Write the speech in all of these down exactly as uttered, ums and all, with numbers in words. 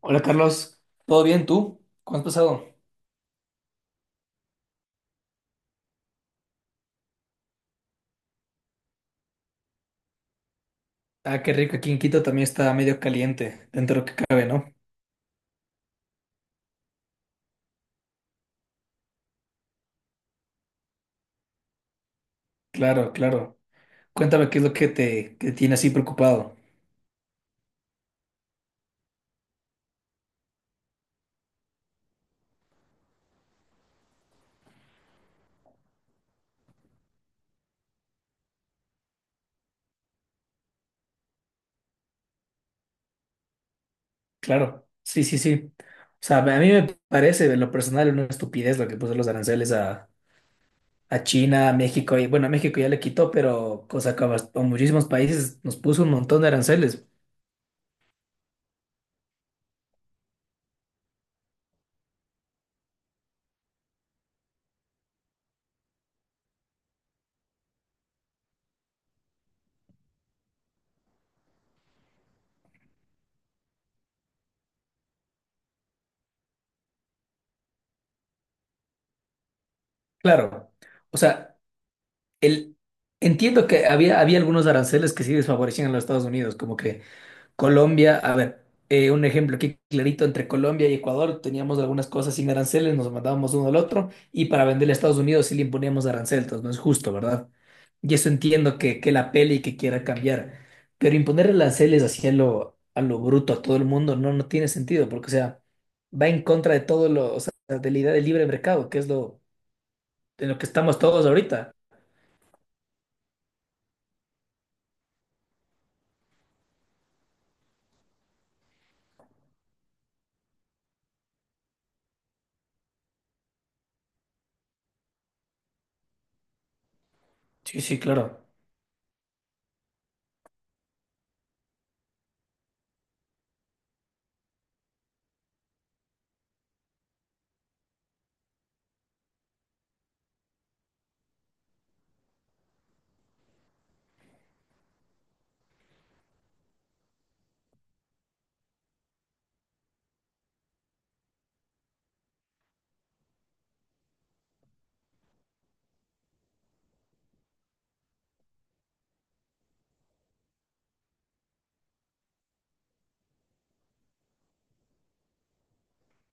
Hola Carlos, ¿todo bien tú? ¿Cómo has pasado? Ah, qué rico, aquí en Quito también está medio caliente, dentro de lo que cabe, ¿no? Claro, claro. Cuéntame qué es lo que te, que te tiene así preocupado. Claro, sí, sí, sí. O sea, a mí me parece, en lo personal, una estupidez lo que puso los aranceles a, a China, a México, y bueno, a México ya le quitó, pero cosa que a bast- a muchísimos países nos puso un montón de aranceles. Claro, o sea, el, entiendo que había, había algunos aranceles que sí desfavorecían a los Estados Unidos, como que Colombia, a ver, eh, un ejemplo aquí clarito entre Colombia y Ecuador, teníamos algunas cosas sin aranceles, nos mandábamos uno al otro y para venderle a Estados Unidos sí le imponíamos aranceles, entonces no es justo, ¿verdad? Y eso entiendo que, que la pele y que quiera cambiar, pero imponer aranceles así a lo, a lo bruto a todo el mundo no, no tiene sentido, porque o sea, va en contra de todo lo, o sea, de la idea del libre mercado, que es lo, en lo que estamos todos ahorita. Sí, sí, claro.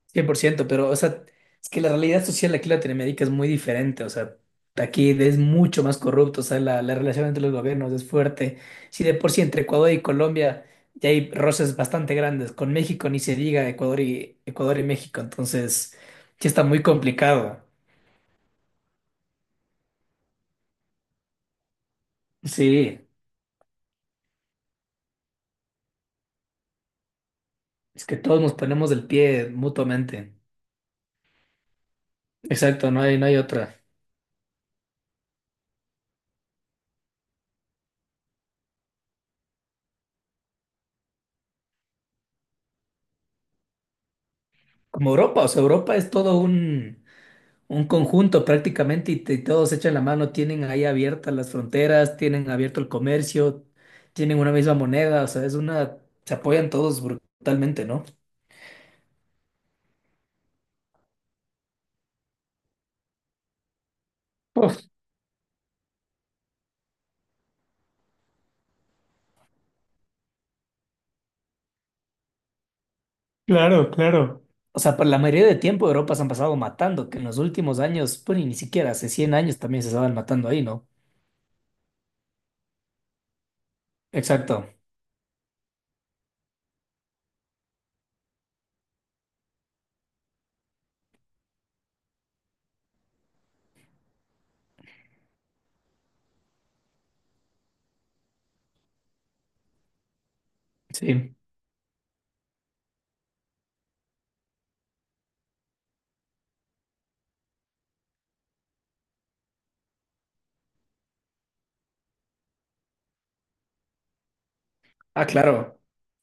Cien por ciento pero, o sea, es que la realidad social aquí en Latinoamérica es muy diferente, o sea, aquí es mucho más corrupto, o sea, la, la relación entre los gobiernos es fuerte. Si de por sí entre Ecuador y Colombia ya hay roces bastante grandes, con México ni se diga Ecuador y, Ecuador y México, entonces sí está muy complicado. Sí, es que todos nos ponemos del pie mutuamente. Exacto, no hay, no hay otra. Como Europa, o sea, Europa es todo un... Un conjunto prácticamente y, te- todos echan la mano, tienen ahí abiertas las fronteras, tienen abierto el comercio, tienen una misma moneda, o sea, es una, se apoyan todos brutalmente, ¿no? Uf, claro, claro. O sea, para la mayoría de tiempo Europa se han pasado matando, que en los últimos años, pues y ni siquiera hace cien años también se estaban matando ahí, ¿no? Exacto, sí. Ah, claro.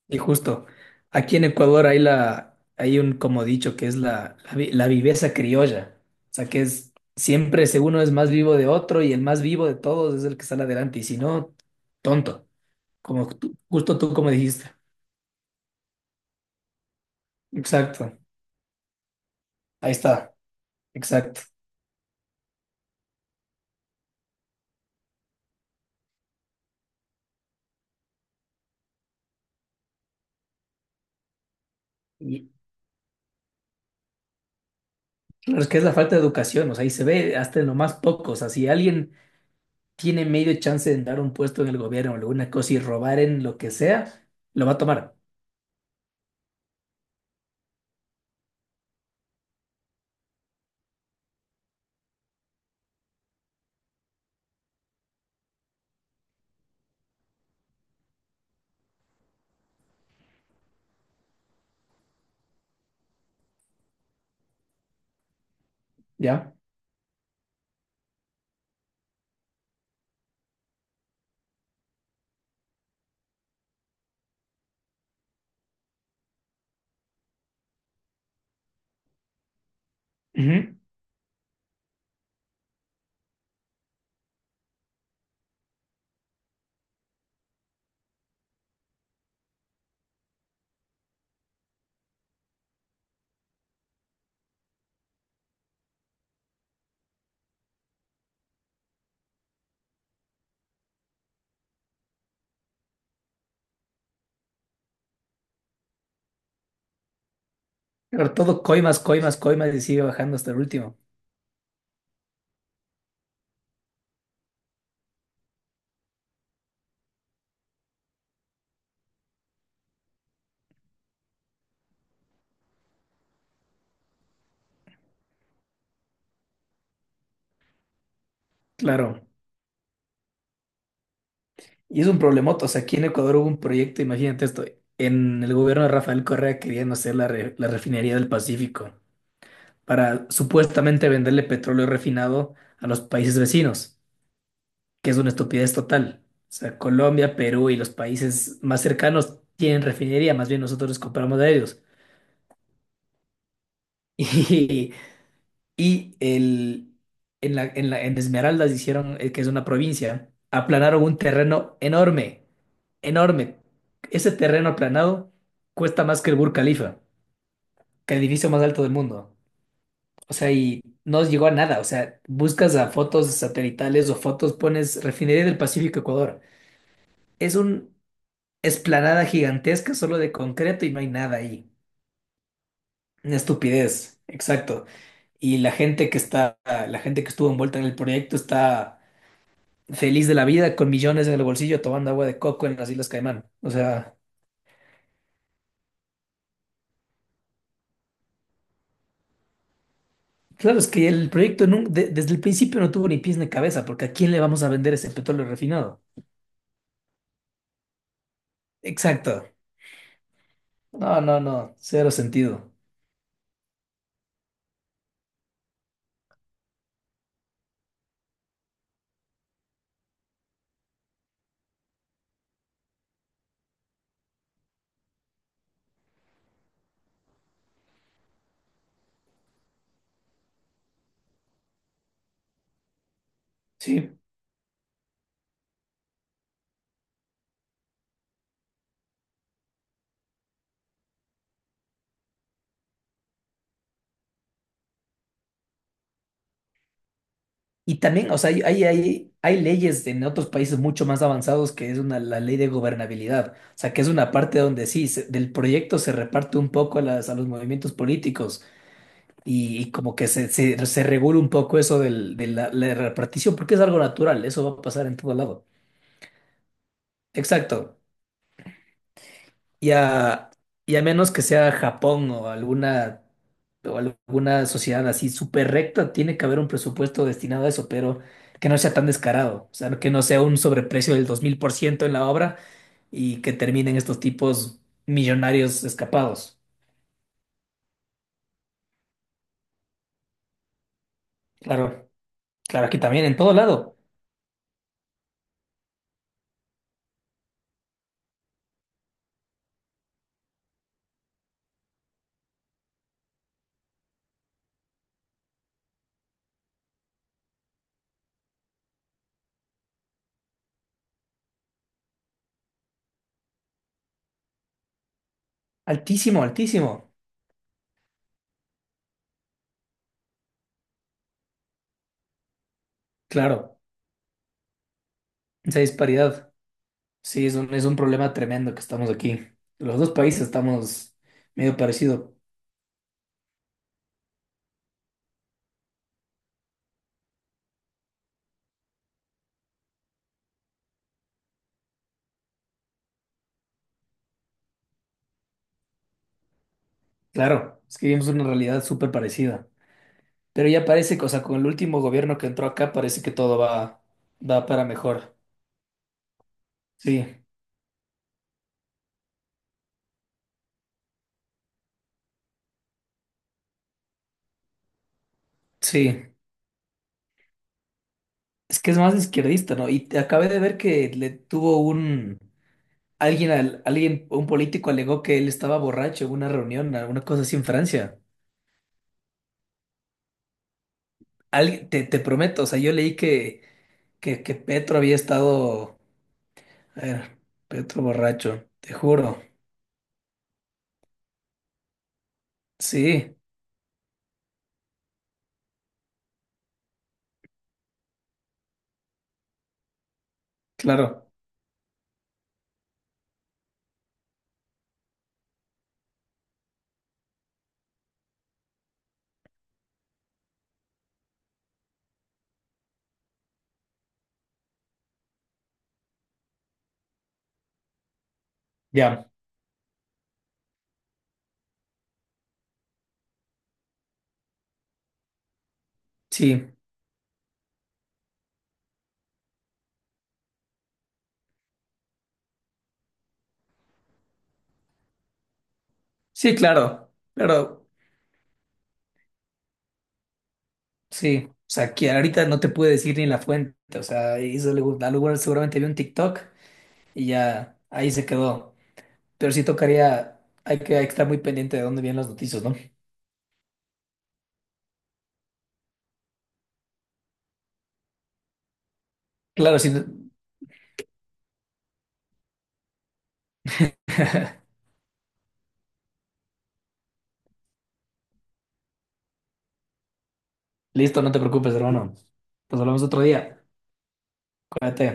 Y justo, aquí en Ecuador hay la, hay un como dicho que es la, la, vi- la viveza criolla. O sea, que es siempre, si uno es más vivo de otro y el más vivo de todos es el que sale adelante. Y si no, tonto. Como tú- justo tú como dijiste. Exacto. Ahí está. Exacto. Y claro, es que es la falta de educación. O sea, y se ve hasta en lo más poco. O sea, si alguien tiene medio chance de dar un puesto en el gobierno o alguna cosa y robar en lo que sea, lo va a tomar. ¿Ya? Ujú. Pero todo coimas, coimas, coimas y sigue bajando hasta el último. Claro. Y es un problemoto. O sea, aquí en Ecuador hubo un proyecto, imagínate esto, en el gobierno de Rafael Correa querían hacer la, re- la refinería del Pacífico para supuestamente venderle petróleo refinado a los países vecinos, que es una estupidez total. O sea, Colombia, Perú y los países más cercanos tienen refinería, más bien nosotros les compramos de ellos. Y Y el, en la, en la- en Esmeraldas hicieron, eh, que es una provincia, aplanaron un terreno enorme, enorme. Ese terreno aplanado cuesta más que el Burj Khalifa, que el edificio más alto del mundo. O sea, y no llegó a nada. O sea, buscas a fotos satelitales o fotos, pones Refinería del Pacífico Ecuador. Es una esplanada gigantesca solo de concreto y no hay nada ahí. Una estupidez, exacto. Y la gente que está, la gente que estuvo envuelta en el proyecto está feliz de la vida, con millones en el bolsillo, tomando agua de coco en las Islas Caimán. O sea, claro, es que el proyecto nun- de- desde el principio no tuvo ni pies ni cabeza, porque ¿a quién le vamos a vender ese petróleo refinado? Exacto. No, no, no, cero sentido. Sí. Y también, o sea, hay, hay, hay, hay leyes en otros países mucho más avanzados que es una, la ley de gobernabilidad. O sea, que es una parte donde sí, se- del proyecto se reparte un poco a, las, a los movimientos políticos y, y como que se, se, se regule un poco eso del- de la, la repartición, porque es algo natural, eso va a pasar en todo lado. Exacto. Y a, y a menos que sea Japón o alguna, o alguna sociedad así súper recta, tiene que haber un presupuesto destinado a eso, pero que no sea tan descarado, o sea, que no sea un sobreprecio del dos mil por ciento en la obra y que terminen estos tipos millonarios escapados. Claro, claro, aquí también, en todo lado. Altísimo, altísimo. Claro, esa disparidad. Sí, es un, es un problema tremendo que estamos aquí. Los dos países estamos medio parecido. Claro, es que vivimos una realidad súper parecida. Pero ya parece, que, o sea, con el último gobierno que entró acá, parece que todo va, va para mejor. Sí, sí. Es que es más izquierdista, ¿no? Y te acabé de ver que le tuvo un... Alguien, al- alguien, un político alegó que él estaba borracho en una reunión, alguna cosa así en Francia. Alguien, te, te prometo, o sea, yo leí que, que, que Petro había estado. A ver, Petro borracho, te juro. Sí, claro. Ya, sí. Sí, claro. Pero sí. O sea, que ahorita no te puedo decir ni la fuente. O sea, hizo algo, algo- bueno, seguramente vio un TikTok y ya ahí se quedó. Pero sí tocaría, hay que, hay que estar muy pendiente de dónde vienen las noticias, ¿no? Claro, sí. Listo, no te preocupes, hermano. Nos hablamos otro día. Cuídate.